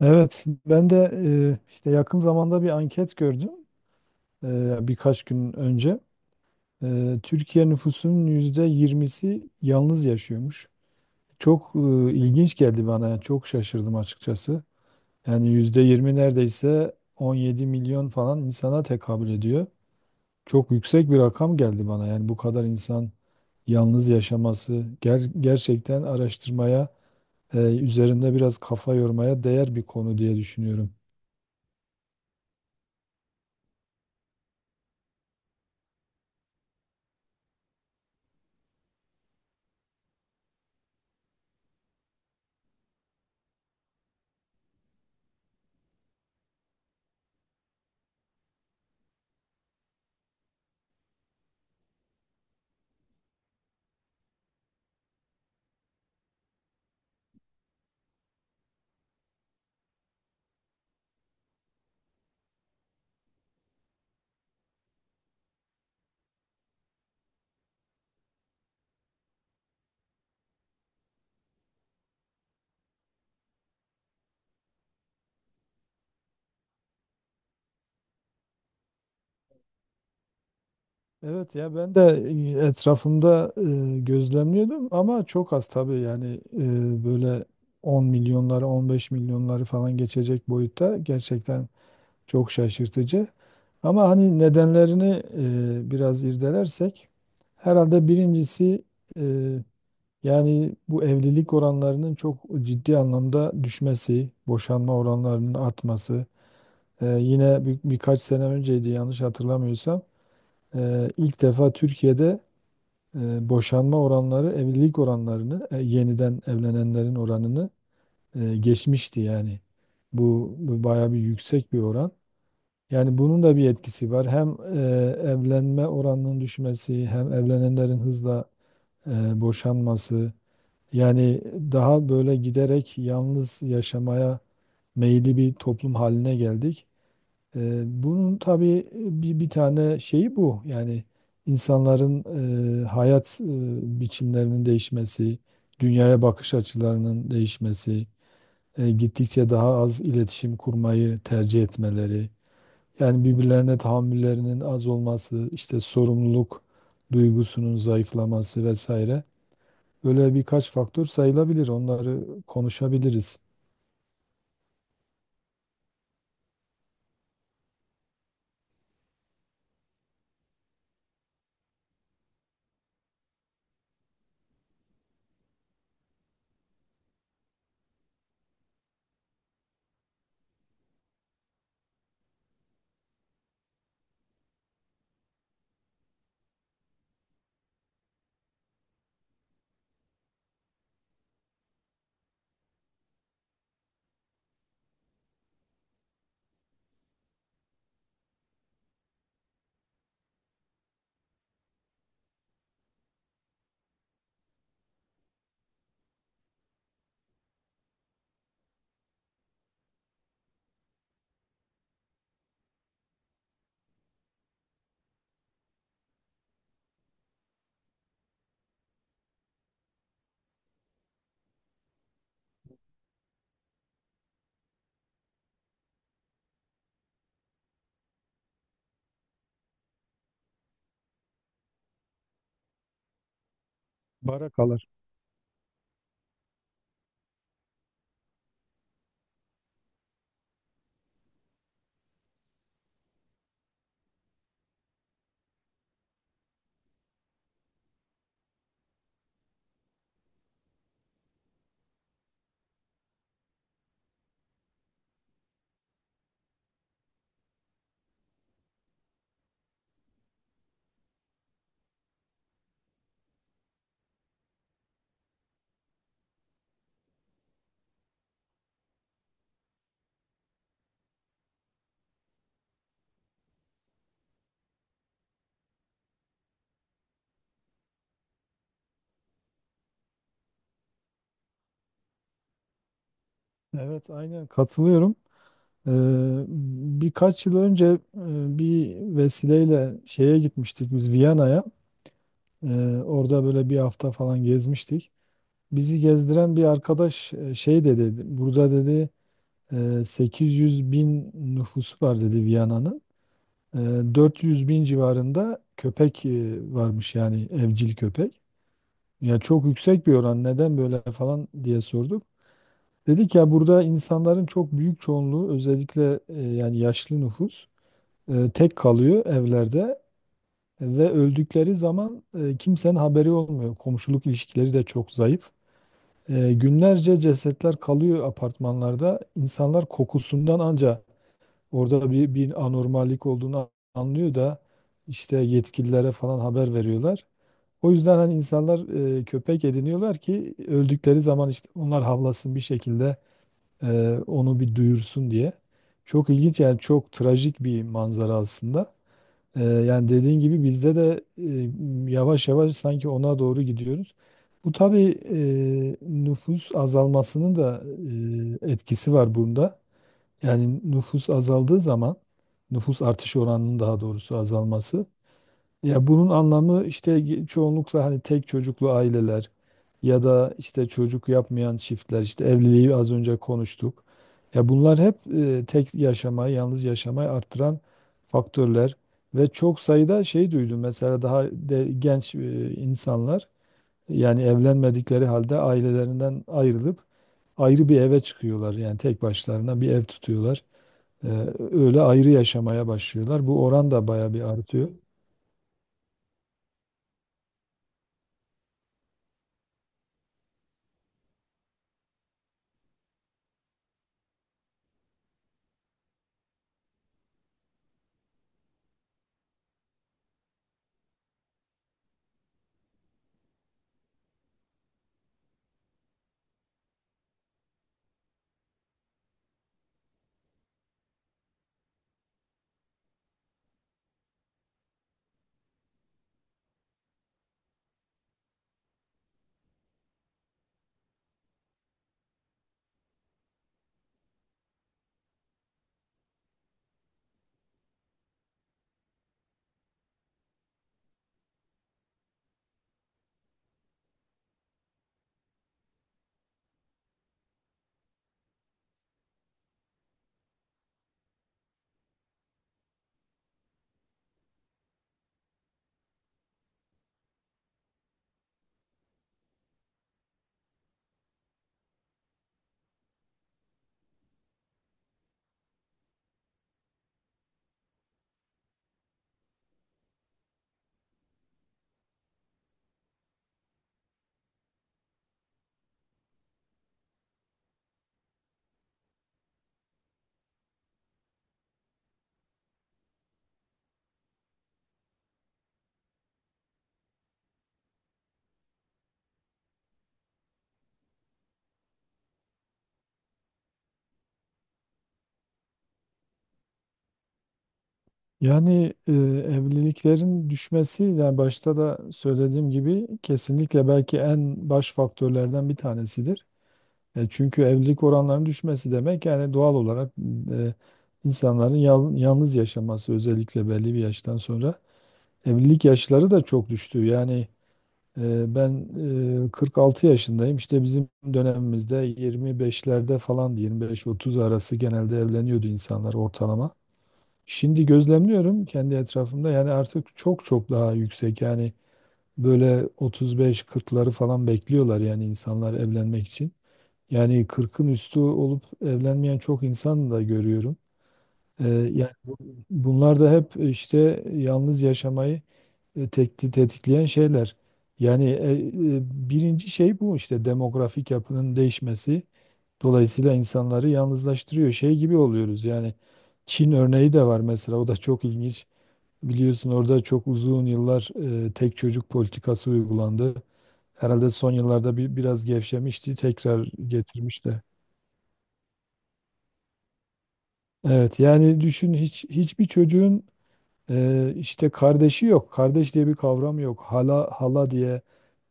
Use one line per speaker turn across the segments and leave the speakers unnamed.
Evet, ben de işte yakın zamanda bir anket gördüm birkaç gün önce. Türkiye nüfusunun %20'si yalnız yaşıyormuş. Çok ilginç geldi bana, yani çok şaşırdım açıkçası. Yani %20 neredeyse 17 milyon falan insana tekabül ediyor. Çok yüksek bir rakam geldi bana. Yani bu kadar insan yalnız yaşaması gerçekten araştırmaya, üzerinde biraz kafa yormaya değer bir konu diye düşünüyorum. Evet ya, ben de etrafımda gözlemliyordum ama çok az tabii, yani böyle 10 milyonları, 15 milyonları falan geçecek boyutta gerçekten çok şaşırtıcı. Ama hani nedenlerini biraz irdelersek herhalde birincisi e, yani bu evlilik oranlarının çok ciddi anlamda düşmesi, boşanma oranlarının artması. Yine birkaç sene önceydi yanlış hatırlamıyorsam, ilk defa Türkiye'de boşanma oranları evlilik oranlarını yeniden evlenenlerin oranını geçmişti yani. Bu bayağı bir yüksek bir oran. Yani bunun da bir etkisi var. Hem evlenme oranının düşmesi hem evlenenlerin hızla boşanması. Yani daha böyle giderek yalnız yaşamaya meyilli bir toplum haline geldik. Bunun tabii bir tane şeyi bu. Yani insanların hayat biçimlerinin değişmesi, dünyaya bakış açılarının değişmesi, gittikçe daha az iletişim kurmayı tercih etmeleri, yani birbirlerine tahammüllerinin az olması, işte sorumluluk duygusunun zayıflaması vesaire. Böyle birkaç faktör sayılabilir. Onları konuşabiliriz. Bara kalır. Evet, aynen katılıyorum. Ee, Birkaç yıl önce bir vesileyle şeye gitmiştik biz, Viyana'ya. Orada böyle bir hafta falan gezmiştik. Bizi gezdiren bir arkadaş şey dedi, burada dedi 800 bin nüfusu var dedi Viyana'nın. E, 400 bin civarında köpek varmış, yani evcil köpek. Ya çok yüksek bir oran, neden böyle falan diye sorduk. Dedik ya, burada insanların çok büyük çoğunluğu özellikle yani yaşlı nüfus, tek kalıyor evlerde ve öldükleri zaman kimsenin haberi olmuyor. Komşuluk ilişkileri de çok zayıf. Günlerce cesetler kalıyor apartmanlarda. İnsanlar kokusundan anca orada bir anormallik olduğunu anlıyor da işte yetkililere falan haber veriyorlar. O yüzden hani insanlar köpek ediniyorlar ki öldükleri zaman işte onlar havlasın bir şekilde onu bir duyursun diye. Çok ilginç, yani çok trajik bir manzara aslında. Yani dediğin gibi bizde de yavaş yavaş sanki ona doğru gidiyoruz. Bu tabii nüfus azalmasının da etkisi var bunda. Yani nüfus azaldığı zaman, nüfus artış oranının, daha doğrusu, azalması. Ya bunun anlamı işte çoğunlukla hani tek çocuklu aileler ya da işte çocuk yapmayan çiftler, işte evliliği az önce konuştuk. Ya bunlar hep tek yaşamayı, yalnız yaşamayı arttıran faktörler ve çok sayıda şey duydum. Mesela daha genç insanlar yani evlenmedikleri halde ailelerinden ayrılıp ayrı bir eve çıkıyorlar. Yani tek başlarına bir ev tutuyorlar. E, Öyle ayrı yaşamaya başlıyorlar. Bu oran da bayağı bir artıyor. Yani evliliklerin düşmesi, yani başta da söylediğim gibi, kesinlikle belki en baş faktörlerden bir tanesidir. Çünkü evlilik oranlarının düşmesi demek, yani doğal olarak e, insanların yalnız yaşaması, özellikle belli bir yaştan sonra. Evlilik yaşları da çok düştü. Yani ben 46 yaşındayım. İşte bizim dönemimizde 25'lerde falan, 25-30 arası genelde evleniyordu insanlar ortalama. Şimdi gözlemliyorum kendi etrafımda, yani artık çok çok daha yüksek, yani böyle 35-40'ları falan bekliyorlar yani insanlar evlenmek için. Yani 40'ın üstü olup evlenmeyen çok insan da görüyorum. Yani bunlar da hep işte yalnız yaşamayı tetikleyen şeyler. Yani birinci şey bu, işte demografik yapının değişmesi. Dolayısıyla insanları yalnızlaştırıyor. Şey gibi oluyoruz yani, Çin örneği de var mesela, o da çok ilginç. Biliyorsun orada çok uzun yıllar tek çocuk politikası uygulandı. Herhalde son yıllarda bir biraz gevşemişti, tekrar getirmişti. Evet, yani düşün, hiçbir çocuğun işte kardeşi yok. Kardeş diye bir kavram yok. Hala hala diye,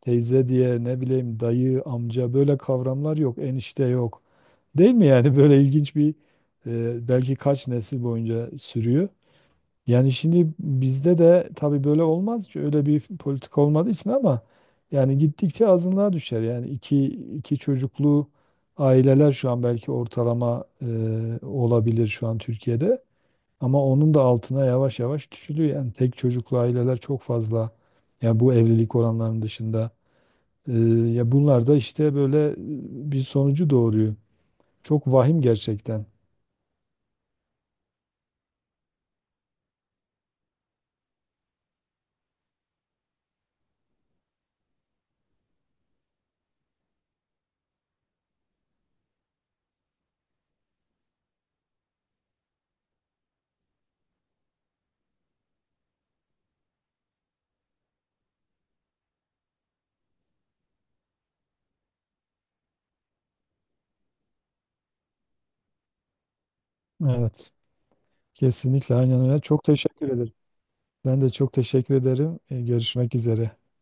teyze diye, ne bileyim dayı, amca, böyle kavramlar yok. Enişte yok. Değil mi yani? Böyle ilginç bir belki kaç nesil boyunca sürüyor. Yani şimdi bizde de tabii böyle olmaz ki, öyle bir politik olmadığı için, ama yani gittikçe azınlığa düşer. Yani iki çocuklu aileler şu an belki ortalama olabilir şu an Türkiye'de. Ama onun da altına yavaş yavaş düşülüyor. Yani tek çocuklu aileler çok fazla. Yani bu evlilik oranlarının dışında. E, Ya bunlar da işte böyle bir sonucu doğuruyor. Çok vahim gerçekten. Evet. Kesinlikle aynen öyle. Çok teşekkür ederim. Ben de çok teşekkür ederim. Görüşmek üzere.